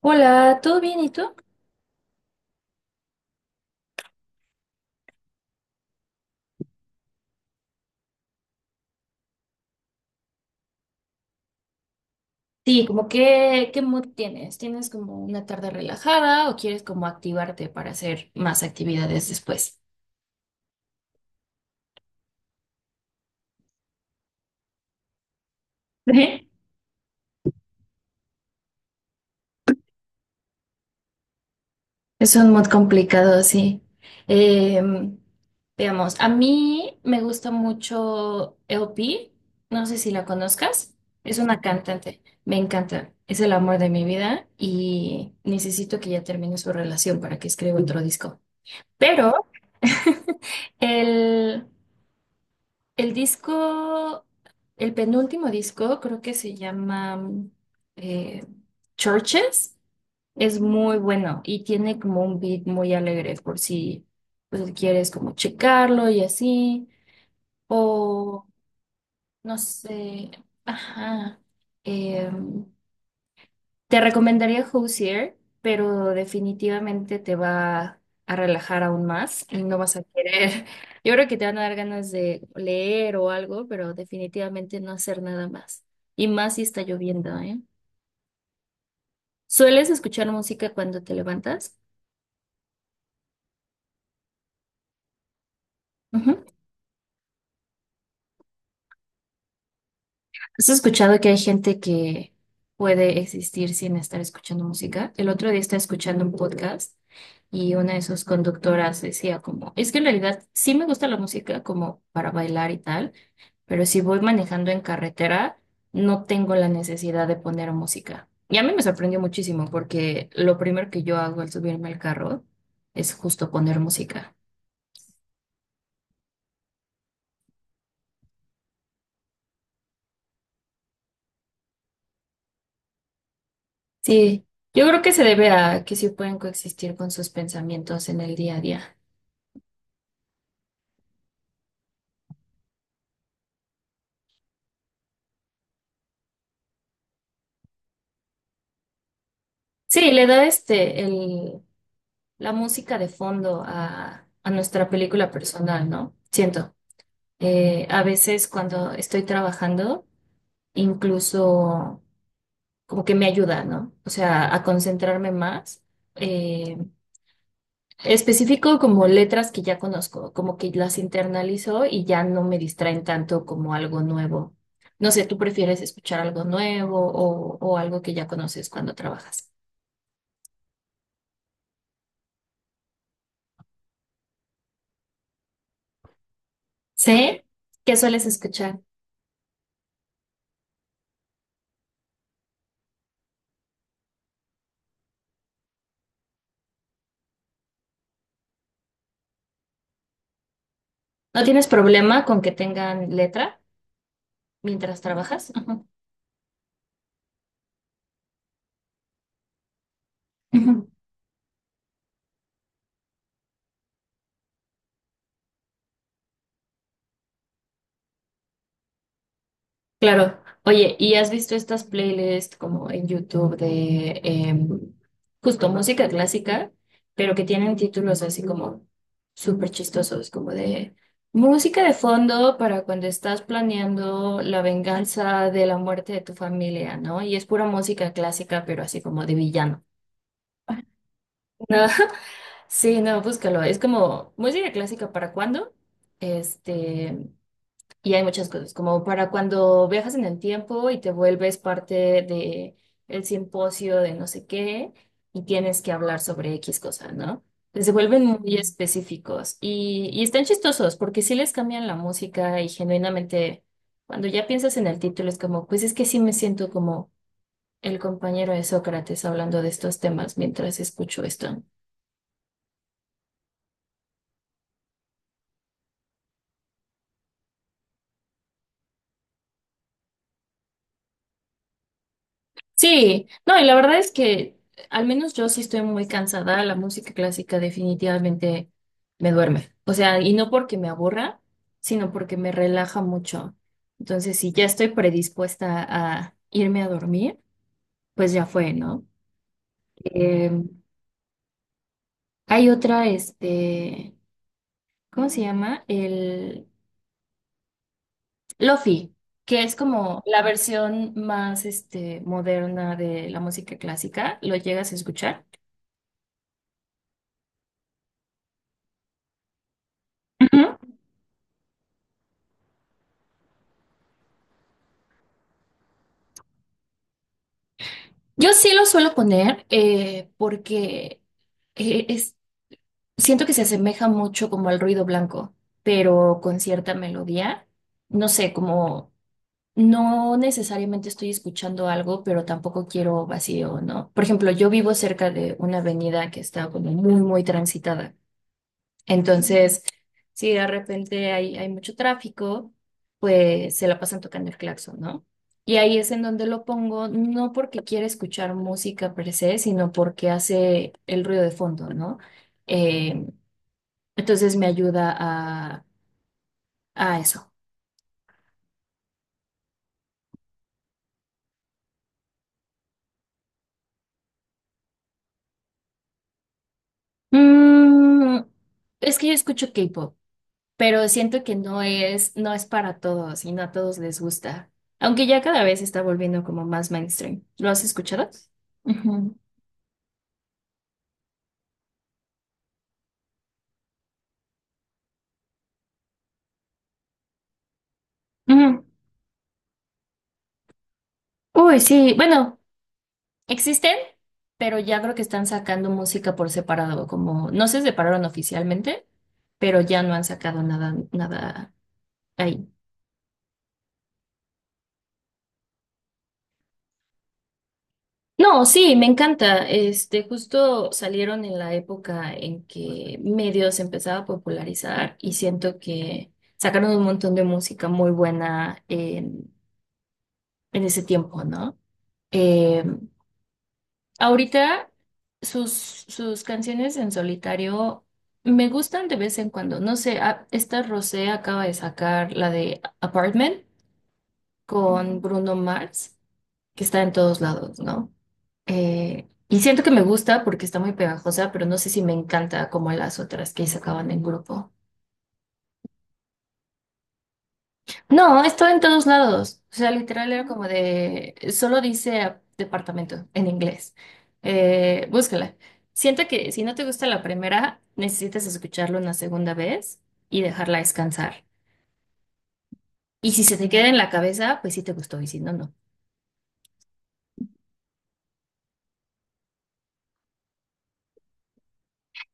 Hola, ¿todo bien? ¿Y tú? Sí, como qué, qué mood tienes? ¿Tienes como una tarde relajada o quieres como activarte para hacer más actividades después? Ujú. Es un mood complicado, sí. Em, Veamos, a mí me gusta mucho LP, no sé si la conozcas, es una cantante, me encanta, es el amor de mi vida y necesito que ya termine su relación para que escriba otro disco. Pero el... el disco, el penúltimo disco, creo que se llama eh, Churches, es muy bueno y tiene como un beat muy alegre por si pues, quieres como checarlo y así, o no sé, ajá, em, te recomendaría Hozier, pero definitivamente te va a relajar aún más y no vas a querer. Yo creo que te van a dar ganas de leer o algo, pero definitivamente no hacer nada más. Y más si está lloviendo, ¿eh? ¿Sueles escuchar música cuando te levantas? ¿Has escuchado que hay gente que puede existir sin estar escuchando música? El otro día estaba escuchando un podcast y una de sus conductoras decía como, es que en realidad sí me gusta la música como para bailar y tal, pero si voy manejando en carretera, no tengo la necesidad de poner música. Y a mí me sorprendió muchísimo porque lo primero que yo hago al subirme al carro es justo poner música. Sí, yo creo que se debe a que sí pueden coexistir con sus pensamientos en el día a día. Sí, le da la música de fondo a nuestra película personal, ¿no? Siento. A veces cuando estoy trabajando, incluso como que me ayuda, ¿no? O sea, a concentrarme más. Eh, Específico como letras que ya conozco, como que las internalizo y ya no me distraen tanto como algo nuevo. No sé, ¿tú prefieres escuchar algo nuevo o algo que ya conoces cuando trabajas? ¿Sí? ¿Qué sueles escuchar? ¿No tienes problema con que tengan letra mientras trabajas? Ujú. Ujú. Claro. Oye, ¿y has visto estas playlists como en YouTube de justo música clásica, pero que tienen títulos así como súper chistosos, como de música de fondo para cuando estás planeando la venganza de la muerte de tu familia, ¿no? Y es pura música clásica, pero así como de villano. No, sí, no, búscalo. ¿Es como música clásica para cuándo? Este, Y hay muchas cosas, como para cuando viajas en el tiempo y te vuelves parte de el simposio de no sé qué y tienes que hablar sobre X cosa, ¿no? Se vuelven muy Mm. específicos y están chistosos porque sí les cambian la música y genuinamente cuando ya piensas en el título es como, pues es que sí me siento como el compañero de Sócrates hablando de estos temas mientras escucho esto, ¿no? Sí, no, y la verdad es que al menos yo sí estoy muy cansada, la música clásica definitivamente me duerme. O sea, y no porque me aburra, sino porque me relaja mucho. Entonces, si ya estoy predispuesta a irme a dormir, pues ya fue, ¿no? Eh, Hay otra, ¿cómo se llama? El Lofi, que es como la versión más, este, moderna de la música clásica. ¿Lo llegas a escuchar? Ujú. Yo sí lo suelo poner porque eh, es, siento que se asemeja mucho como al ruido blanco, pero con cierta melodía. No sé, como no necesariamente estoy escuchando algo, pero tampoco quiero vacío, ¿no? Por ejemplo, yo vivo cerca de una avenida que está como muy transitada. Entonces, si de repente hay mucho tráfico, pues se la pasan tocando el claxon, ¿no? Y ahí es en donde lo pongo, no porque quiera escuchar música per se, sino porque hace el ruido de fondo, ¿no? Eh, entonces me ayuda a eso. Mm, es que yo escucho K-pop, pero siento que no es para todos y no a todos les gusta. Aunque ya cada vez se está volviendo como más mainstream. ¿Lo has escuchado? Ujú. Ujú. Uy, sí, bueno. Existen, pero ya creo que están sacando música por separado, como no se separaron oficialmente, pero ya no han sacado nada ahí. No, sí, me encanta. Este, justo salieron en la época en que medios empezaba a popularizar y siento que sacaron un montón de música muy buena en ese tiempo, ¿no? Eh, Ahorita sus, sus canciones en solitario me gustan de vez en cuando. No sé, esta Rosé acaba de sacar la de Apartment con Bruno Mars, que está en todos lados, ¿no? Y siento que me gusta porque está muy pegajosa, pero no sé si me encanta como las otras que sacaban en grupo. No, estaba en todos lados. O sea, literal era como de, solo dice ah, departamento en inglés. Búscala. Siento que si no te gusta la primera, necesitas escucharlo una segunda vez y dejarla descansar. Y si se te queda en la cabeza, pues sí te gustó y si no, no.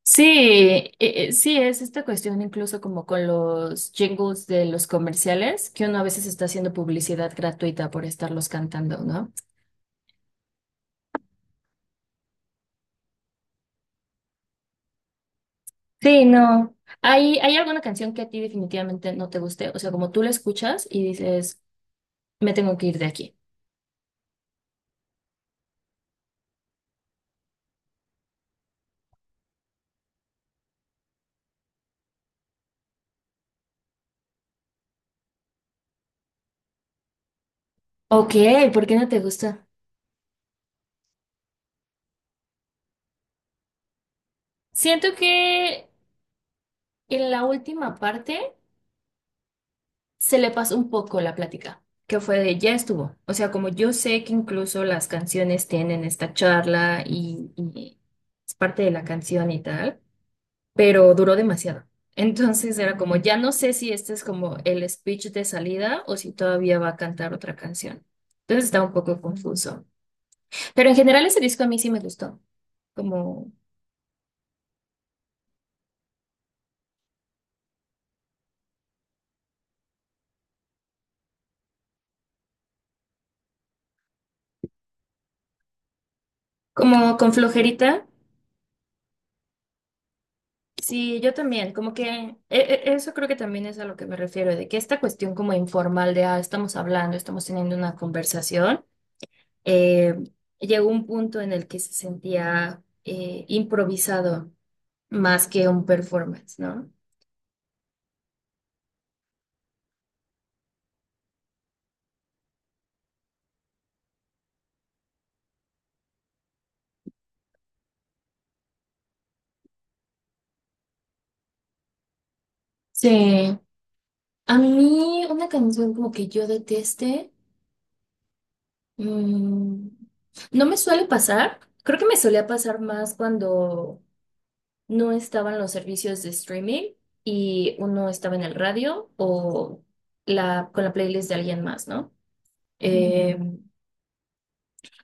Sí, sí, es esta cuestión incluso como con los jingles de los comerciales, que uno a veces está haciendo publicidad gratuita por estarlos cantando, ¿no? Sí, no. Hay alguna canción que a ti definitivamente no te guste? O sea, como tú la escuchas y dices, me tengo que ir de aquí. Ok, ¿por qué no te gusta? Siento que en la última parte se le pasó un poco la plática, que fue de ya estuvo. O sea, como yo sé que incluso las canciones tienen esta charla y es parte de la canción y tal, pero duró demasiado. Entonces era como, ya no sé si este es como el speech de salida o si todavía va a cantar otra canción. Entonces estaba un poco confuso. Pero en general ese disco a mí sí me gustó, como, como con flojerita. Sí, yo también, como que eso creo que también es a lo que me refiero, de que esta cuestión como informal de, ah, estamos hablando, estamos teniendo una conversación, eh, llegó un punto en el que se sentía improvisado más que un performance, ¿no? Sí, a mí una canción como que yo deteste, mm, no me suele pasar, creo que me solía pasar más cuando no estaban los servicios de streaming y uno estaba en el radio o con la playlist de alguien más, ¿no? Eh,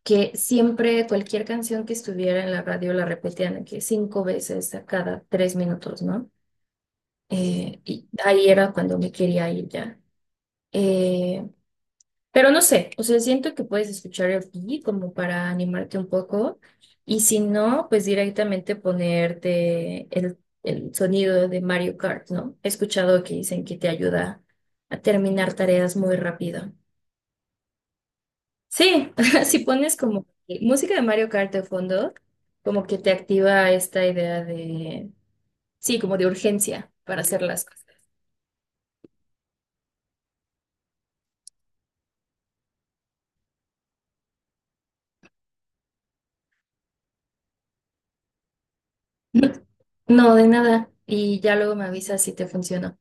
que siempre cualquier canción que estuviera en la radio la repetían de que cinco veces a cada tres minutos, ¿no? Y ahí era cuando me quería ir ya. Eh, Pero no sé, o sea, siento que puedes escuchar el pi como para animarte un poco y si no, pues directamente ponerte el sonido de Mario Kart, ¿no? He escuchado que dicen que te ayuda a terminar tareas muy rápido. Sí, si pones como que música de Mario Kart de fondo, como que te activa esta idea de, sí, como de urgencia para hacer las cosas. No, de nada. Y ya luego me avisas si te funcionó.